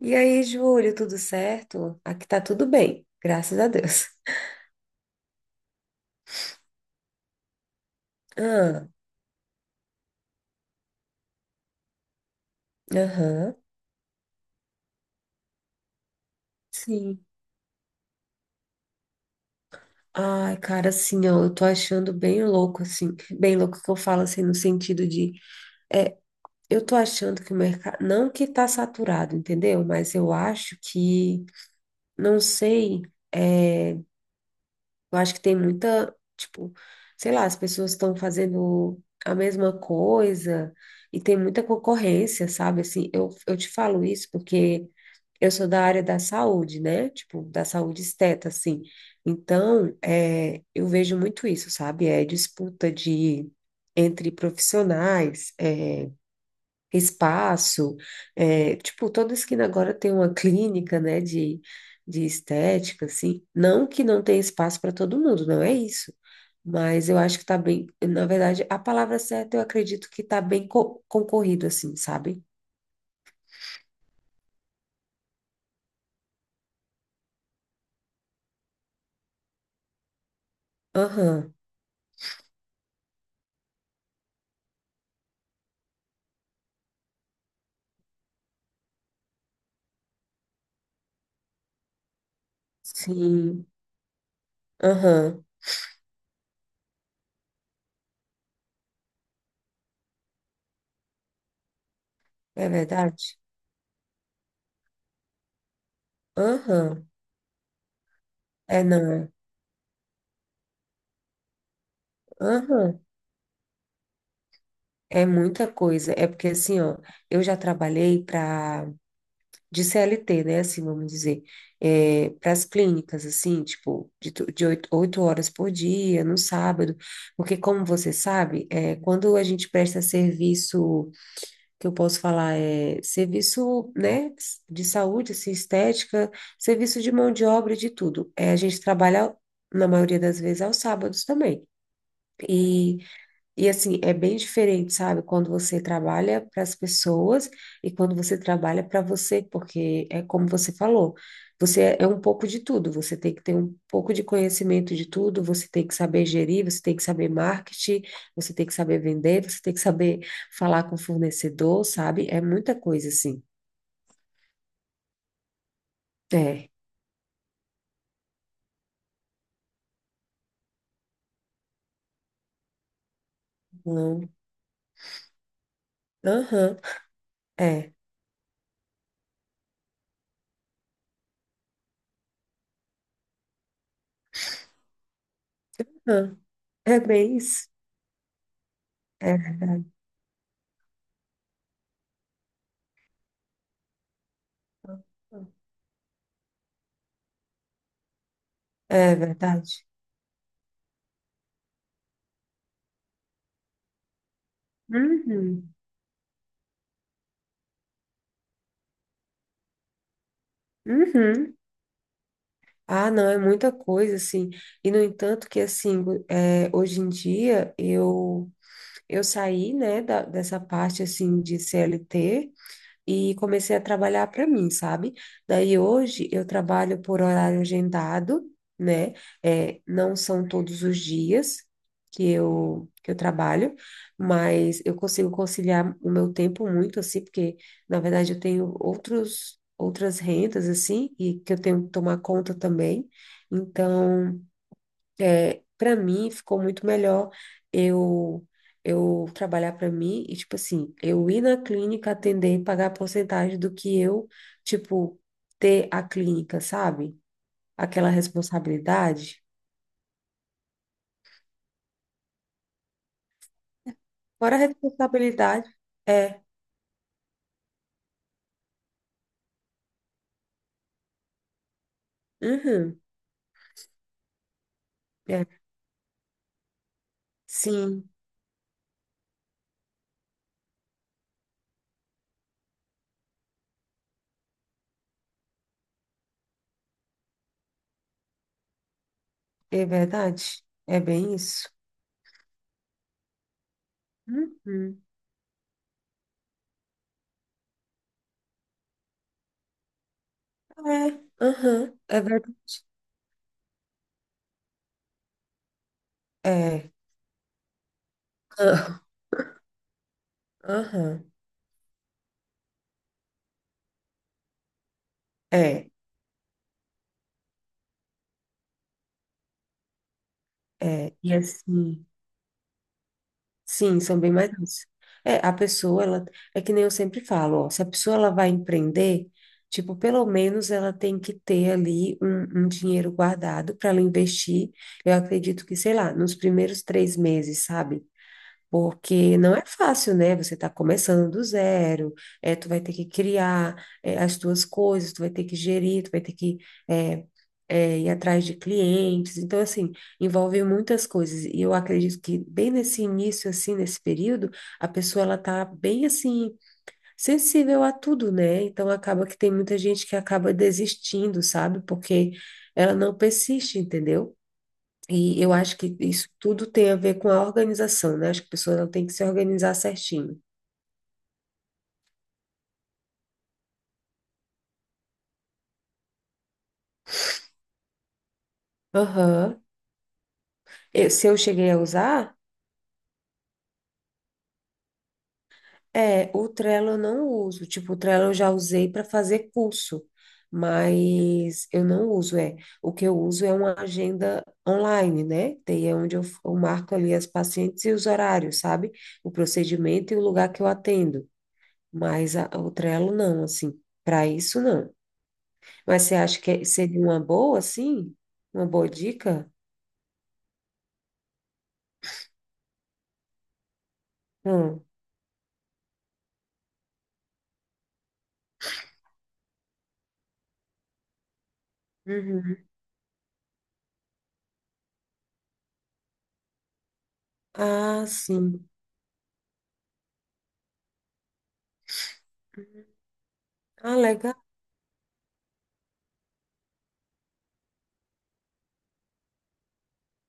E aí, Júlio, tudo certo? Aqui tá tudo bem, graças a Deus. Ah, aham, sim. Ai, cara, assim, ó, eu tô achando bem louco, assim, bem louco que eu falo, assim, no sentido de, é, eu tô achando que o mercado, não que tá saturado, entendeu? Mas eu acho que, não sei, eu acho que tem muita, tipo, sei lá, as pessoas estão fazendo a mesma coisa e tem muita concorrência, sabe? Assim, eu te falo isso porque eu sou da área da saúde, né? Tipo, da saúde esteta, assim. Então, eu vejo muito isso, sabe? É disputa de entre profissionais, espaço, tipo, toda esquina agora tem uma clínica, né, de, estética, assim. Não que não tenha espaço para todo mundo, não é isso. Mas eu acho que tá bem, na verdade, a palavra certa eu acredito que tá bem concorrido, assim, sabe? Aham, sim, aham. É verdade? Aham. É, não. É. Aham. É muita coisa. É porque, assim, ó, eu já trabalhei para, de CLT, né, assim, vamos dizer, para as clínicas, assim, tipo, de, de oito horas por dia, no sábado. Porque, como você sabe, quando a gente presta serviço, que eu posso falar, é serviço, né, de saúde, assim, estética, serviço de mão de obra, e de tudo. É, a gente trabalha, na maioria das vezes, aos sábados também. E E assim, é bem diferente, sabe? Quando você trabalha para as pessoas e quando você trabalha para você, porque é como você falou, você é um pouco de tudo, você tem que ter um pouco de conhecimento de tudo, você tem que saber gerir, você tem que saber marketing, você tem que saber vender, você tem que saber falar com o fornecedor, sabe? É muita coisa assim. É. Não. Aham. É. Aham. É bem isso. É verdade. É verdade. Uhum. Uhum. Ah, não, é muita coisa, assim. E, no entanto, que, assim, é, hoje em dia, eu saí, né, da, dessa parte, assim, de CLT e comecei a trabalhar para mim, sabe? Daí hoje eu trabalho por horário agendado, né? É, não são todos os dias que eu trabalho, mas eu consigo conciliar o meu tempo muito, assim, porque na verdade eu tenho outros, outras rendas, assim, e que eu tenho que tomar conta também. Então. É, para mim ficou muito melhor eu eu trabalhar para mim e tipo assim, eu ir na clínica atender e pagar a porcentagem do que eu, tipo, ter a clínica, sabe? Aquela responsabilidade. Fora a responsabilidade, é, uhum, é, sim, é verdade. É bem isso. Uhum. É, aham, é verdade. É, aham, é, e assim. Sim, são bem mais densos. É, a pessoa, ela, é que nem eu sempre falo, ó, se a pessoa ela vai empreender, tipo, pelo menos ela tem que ter ali um, um dinheiro guardado para ela investir. Eu acredito que, sei lá, nos primeiros 3 meses, sabe? Porque não é fácil, né? Você está começando do zero, é, tu vai ter que criar, é, as tuas coisas, tu vai ter que gerir, tu vai ter que é, ir atrás de clientes. Então, assim, envolve muitas coisas. E eu acredito que bem nesse início, assim, nesse período, a pessoa, ela tá bem, assim, sensível a tudo, né? Então, acaba que tem muita gente que acaba desistindo, sabe? Porque ela não persiste, entendeu? E eu acho que isso tudo tem a ver com a organização, né? Acho que a pessoa ela tem que se organizar certinho. Aham. Se eu cheguei a usar, é, o Trello eu não uso. Tipo, o Trello eu já usei para fazer curso, mas eu não uso, é. O que eu uso é uma agenda online, né? Daí é onde eu, eu marco ali as pacientes e os horários, sabe? O procedimento e o lugar que eu atendo. Mas o Trello não, assim, para isso não. Mas você acha que seria uma boa, sim? Uma boa dica? Hum. Uhum. Ah, sim. Ah, legal.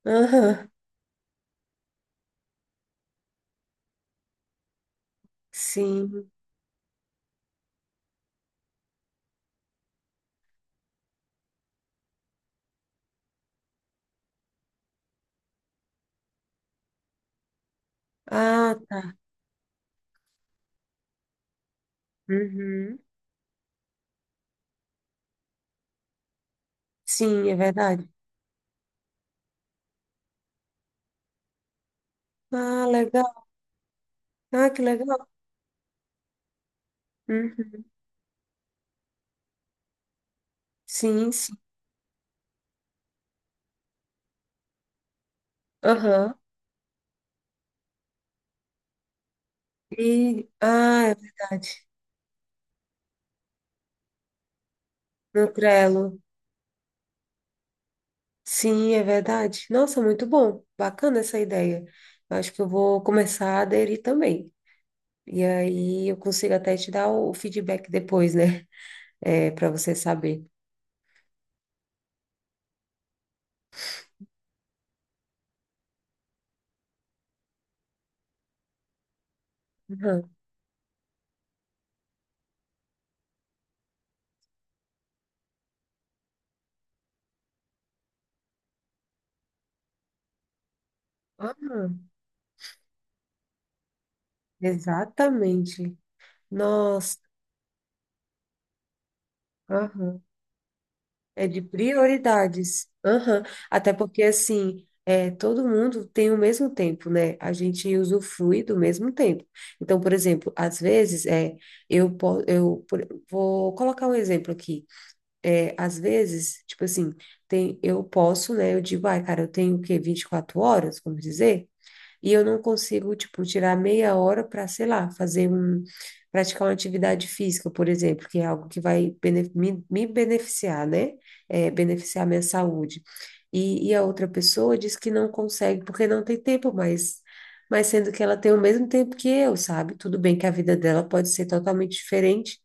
Aham. Sim. Ah, tá. Uhum. Sim, é verdade. Ah, legal. Ah, que legal. Uhum. Sim, sim. Aham. E, ah, é verdade. No Trello. Sim, é verdade. Nossa, muito bom. Bacana essa ideia. Eu acho que eu vou começar a aderir também. E aí eu consigo até te dar o feedback depois, né? É, para você saber. Aham, aham. Exatamente. Nossa, aham. É de prioridades. Aham. Até porque, assim, é, todo mundo tem o mesmo tempo, né? A gente usufrui do mesmo tempo. Então, por exemplo, às vezes, é, eu, po- eu por- vou colocar um exemplo aqui. É, às vezes, tipo assim, tem, eu posso, né? Eu digo, ai, cara, eu tenho o quê? 24 horas, vamos dizer? E eu não consigo, tipo, tirar meia hora para, sei lá, fazer um praticar uma atividade física, por exemplo, que é algo que vai me beneficiar, né? É, beneficiar minha saúde. E a outra pessoa diz que não consegue porque não tem tempo, mas sendo que ela tem o mesmo tempo que eu, sabe? Tudo bem que a vida dela pode ser totalmente diferente,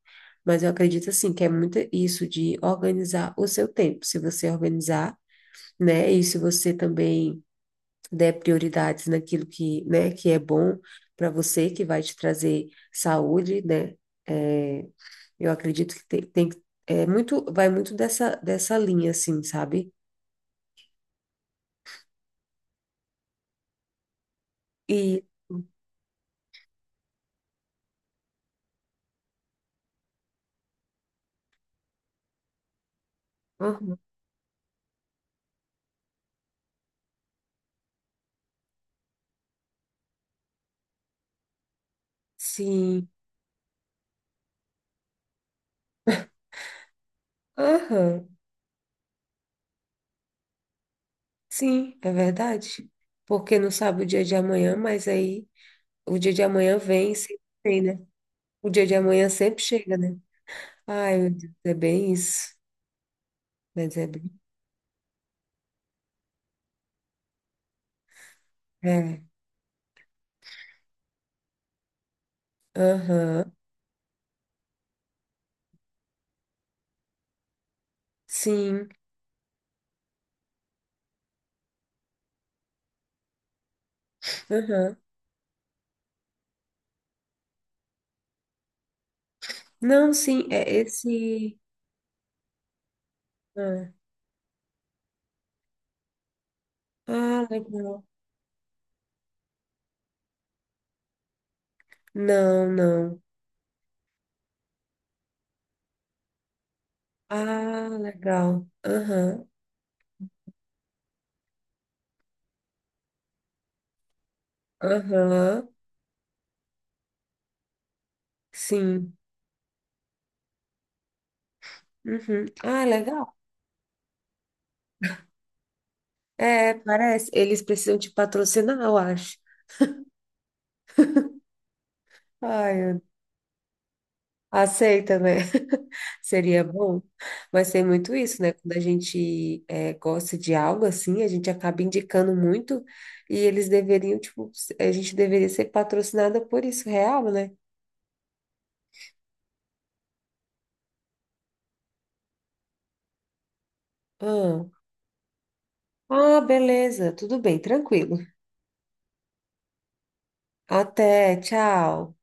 mas eu acredito assim que é muito isso de organizar o seu tempo. Se você organizar, né? E se você também dê prioridades naquilo que, né, que é bom para você, que vai te trazer saúde, né? É, eu acredito que é muito, vai muito dessa, dessa linha, assim, sabe? E, aham, sim, aham, sim, é verdade. Porque não sabe o dia de amanhã, mas aí o dia de amanhã vem e sempre tem, né? O dia de amanhã sempre chega, né? Ai, meu Deus, é bem isso. Mas é bem. É. Aham, sim. Aham. Não, sim, é esse. Ah, ah, legal. Não, não. Ah, legal. Aham, aham, sim. Uhum. Ah, legal. É, parece. Eles precisam te patrocinar, eu acho. Ai, eu- Aceita, né? Seria bom. Mas tem muito isso, né? Quando a gente é, gosta de algo assim, a gente acaba indicando muito e eles deveriam, tipo, a gente deveria ser patrocinada por isso, real, né? Ah. Ah, beleza, tudo bem, tranquilo. Até, tchau.